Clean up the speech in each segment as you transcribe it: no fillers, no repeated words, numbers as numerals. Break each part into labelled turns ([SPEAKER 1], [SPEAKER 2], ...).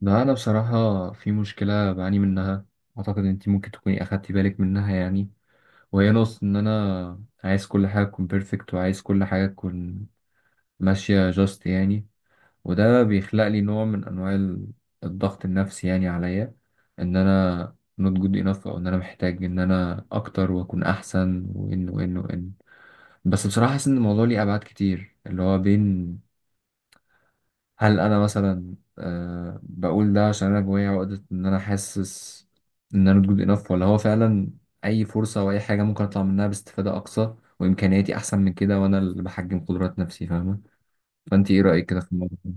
[SPEAKER 1] لا، أنا بصراحة في مشكلة بعاني منها. أعتقد أنت ممكن تكوني أخدتي بالك منها يعني، وهي نقص إن أنا عايز كل حاجة تكون بيرفكت، وعايز كل حاجة تكون ماشية جاست يعني. وده بيخلق لي نوع من أنواع الضغط النفسي يعني عليا، إن أنا not good enough، أو إن أنا محتاج إن أنا أكتر وأكون أحسن، وإن. بس بصراحة حاسس إن الموضوع ليه أبعاد كتير، اللي هو بين، هل انا مثلا بقول ده عشان انا جوايا عقدة ان انا حاسس ان انا جود انف، ولا هو فعلا اي فرصة او اي حاجة ممكن اطلع منها باستفادة اقصى وامكانياتي احسن من كده، وانا اللي بحجم قدرات نفسي، فاهمة؟ فانت ايه رأيك كده في الموضوع ده؟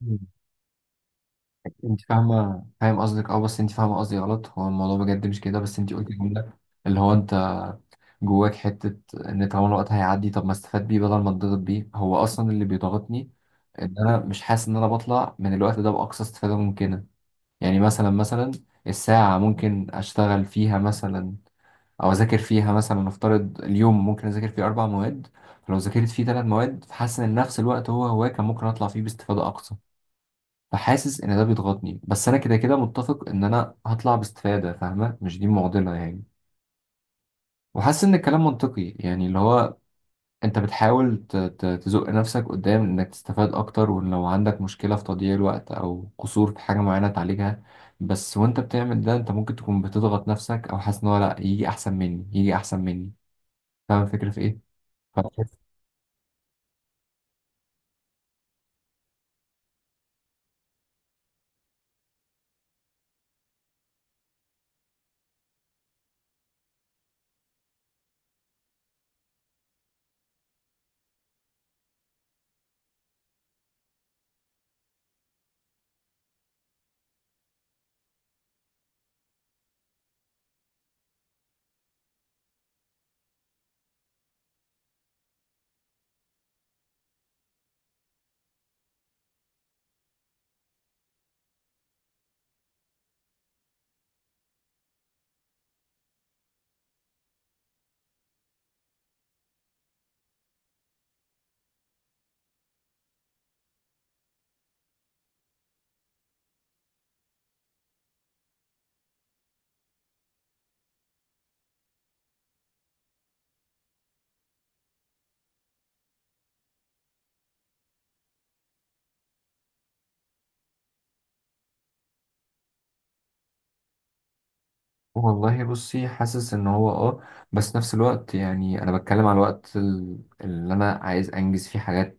[SPEAKER 1] مم. انت فاهم قصدك، بس انت فاهمه قصدي غلط. هو الموضوع بجد مش كده، بس انت قلت جمله، اللي هو انت جواك حته، ان طالما الوقت هيعدي طب ما استفاد بيه بدل ما اتضغط بيه. هو اصلا اللي بيضغطني ان انا مش حاسس ان انا بطلع من الوقت ده باقصى استفاده ممكنه. يعني مثلا، الساعة ممكن أشتغل فيها مثلا، أو أذاكر فيها مثلا. نفترض اليوم ممكن أذاكر فيه أربع مواد، فلو ذاكرت فيه تلات مواد فحاسس إن نفس الوقت هو كان ممكن أطلع فيه باستفادة أقصى. فحاسس إن ده بيضغطني، بس أنا كده كده متفق إن أنا هطلع باستفادة، فاهمة؟ مش دي معضلة يعني. وحاسس إن الكلام منطقي يعني، اللي هو انت بتحاول تزق نفسك قدام انك تستفاد اكتر، ولو عندك مشكلة في تضييع الوقت او قصور في حاجة معينة تعالجها. بس وانت بتعمل ده انت ممكن تكون بتضغط نفسك، او حاسس ان هو لا، يجي احسن مني يجي احسن مني. فاهم الفكرة في ايه؟ فبتحس- والله بصي حاسس ان هو، بس نفس الوقت يعني انا بتكلم على الوقت اللي انا عايز انجز فيه حاجات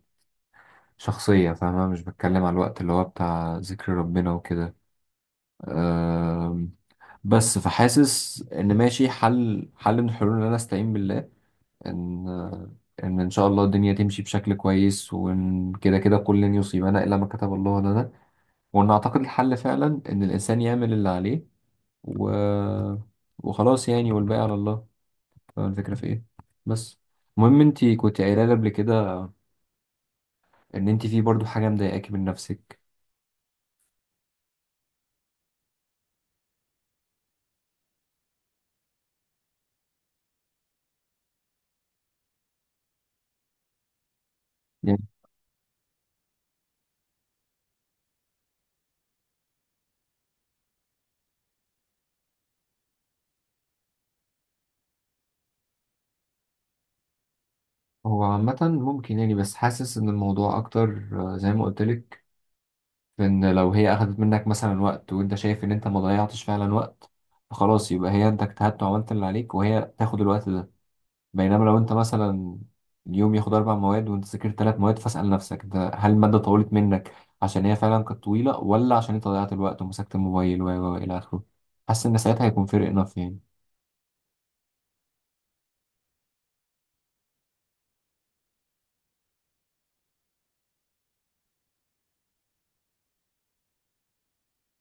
[SPEAKER 1] شخصية، فاهمة؟ مش بتكلم على الوقت اللي هو بتاع ذكر ربنا وكده. بس فحاسس ان ماشي، حل من الحلول ان انا استعين بالله، ان ان شاء الله الدنيا تمشي بشكل كويس، وان كده كده كل لن يصيبنا الا ما كتب الله لنا. وان اعتقد الحل فعلا ان الانسان يعمل اللي عليه و... وخلاص يعني، والباقي على الله. الفكرة في ايه؟ بس المهم انت كنت قايله لي قبل كده ان انت في برضو حاجه مضايقاكي من نفسك يعني. هو عامه ممكن يعني، بس حاسس ان الموضوع اكتر، زي ما قلت لك. لأن لو هي أخدت منك مثلا وقت وأنت شايف إن أنت ما ضيعتش فعلا وقت، فخلاص يبقى هي، أنت اجتهدت وعملت اللي عليك وهي تاخد الوقت ده. بينما لو أنت مثلا اليوم ياخد أربع مواد وأنت ذاكرت ثلاث مواد، فاسأل نفسك ده، هل المادة طولت منك عشان هي فعلا كانت طويلة، ولا عشان أنت ضيعت الوقت ومسكت الموبايل و إلى آخره. حاسس إن ساعتها هيكون فرق، نف يعني.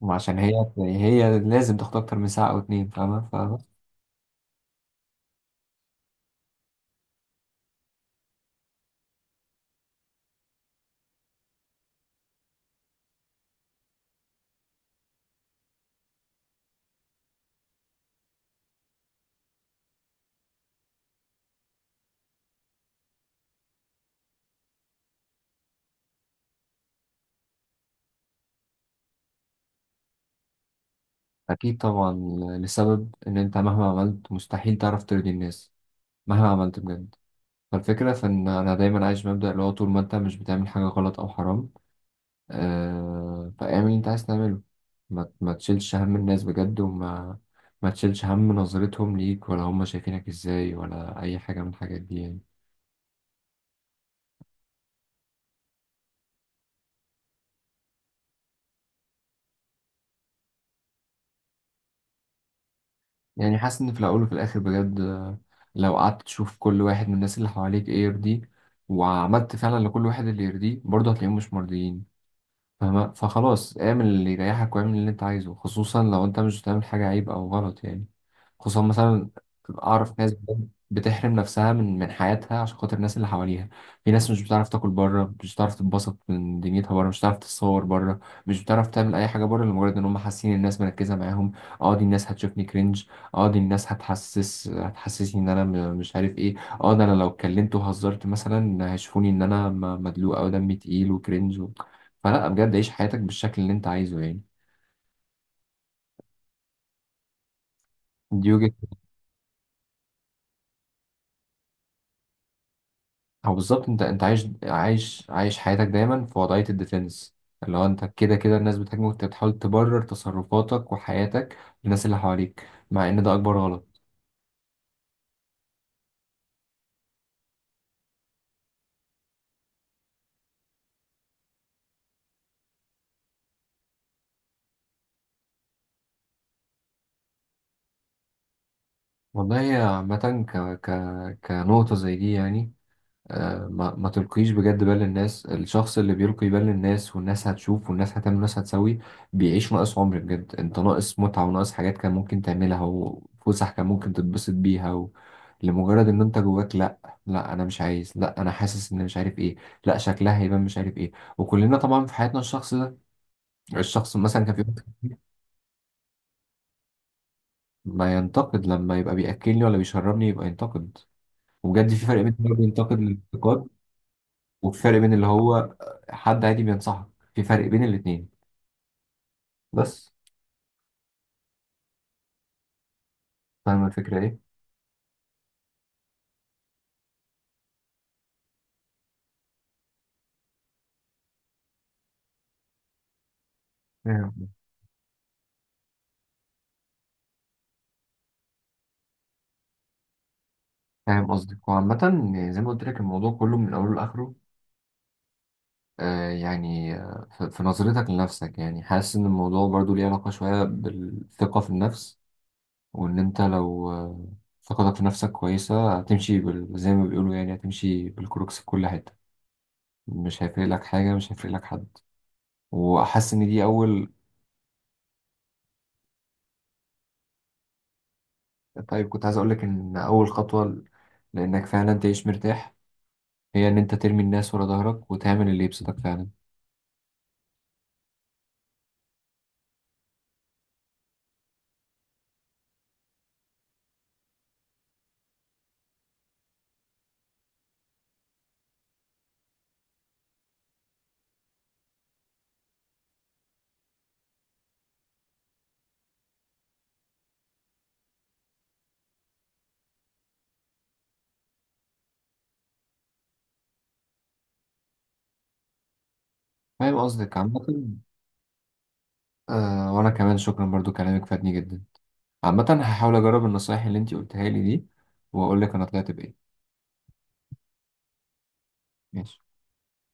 [SPEAKER 1] وعشان هي، لازم تاخد أكتر من ساعة أو اتنين، فاهمة فاهمة. أكيد طبعا. لسبب إن أنت مهما عملت مستحيل تعرف ترضي الناس، مهما عملت بجد. فالفكرة في إن أنا دايما عايش مبدأ اللي هو طول ما أنت مش بتعمل حاجة غلط أو حرام، فاعمل اللي أنت عايز تعمله. ما تشيلش هم الناس بجد، وما ما تشيلش هم نظرتهم ليك، ولا هم شايفينك إزاي، ولا أي حاجة من الحاجات دي يعني. يعني حاسس إن في الأول وفي الآخر بجد، لو قعدت تشوف كل واحد من الناس اللي حواليك إيه يرضيه، وعملت فعلا لكل واحد اللي يرضيه، برضه هتلاقيهم مش مرضيين. فخلاص اعمل اللي يريحك واعمل اللي انت عايزه، خصوصا لو انت مش بتعمل حاجة عيب او غلط يعني. خصوصا مثلا، اعرف ناس بتحرم نفسها من حياتها عشان خاطر الناس اللي حواليها. في ناس مش بتعرف تاكل بره، مش بتعرف تتبسط من دنيتها بره، مش بتعرف تتصور بره، مش بتعرف تعمل اي حاجه بره، لمجرد ان هم حاسين الناس مركزه معاهم. اه، دي الناس هتشوفني كرنج. اه، دي الناس هتحسسني ان انا مش عارف ايه. اه، ده انا لو اتكلمت وهزرت مثلا هيشوفوني ان انا مدلوق، او دمي تقيل وكرنج. فلا بجد، عيش حياتك بالشكل اللي انت عايزه يعني. دي وجهة. او بالظبط، انت عايش حياتك دايما في وضعية الديفنس. اللي هو انت كده كده الناس بتهاجمك، وانت بتحاول تبرر تصرفاتك وحياتك للناس اللي حواليك، مع ان ده اكبر غلط. والله عامة، كنقطة زي دي يعني، ما تلقيش بجد بال للناس. الشخص اللي بيلقي بال للناس، والناس هتشوف، والناس هتعمل، والناس هتسوي، بيعيش ناقص عمر بجد. انت ناقص متعة وناقص حاجات كان ممكن تعملها، وفسح كان ممكن تتبسط بيها. لمجرد ان انت جواك لا، لا انا مش عايز، لا انا حاسس ان مش عارف ايه، لا شكلها هيبان مش عارف ايه. وكلنا طبعا في حياتنا الشخص ده، الشخص مثلا كان في وقت كتير. ما ينتقد، لما يبقى بيأكلني ولا بيشربني يبقى ينتقد. وبجد في فرق بين إنه ينتقد للانتقاد، وفي فرق بين اللي هو حد عادي بينصحك. في فرق بين الاتنين بس. فاهم الفكرة ايه؟ مم. فاهم قصدك. وعامة يعني زي ما قلت لك، الموضوع كله من أوله لآخره، يعني، في نظرتك لنفسك يعني، حاسس إن الموضوع برضو ليه علاقة شوية بالثقة في النفس، وإن أنت لو ثقتك في نفسك كويسة هتمشي زي ما بيقولوا يعني، هتمشي بالكروكس في كل حتة. مش هيفرق لك حاجة، مش هيفرق لك حد. وأحس إن دي أول، طيب كنت عايز أقولك إن أول خطوة لإنك فعلا تعيش مرتاح، هي إن أنت ترمي الناس ورا ظهرك وتعمل اللي يبسطك فعلا. فاهم قصدك عامة. وأنا كمان شكرا، برضو كلامك فادني جدا. عامة هحاول أجرب النصايح اللي أنتي قلتها لي دي، وأقولك أنا طلعت بإيه. ماشي.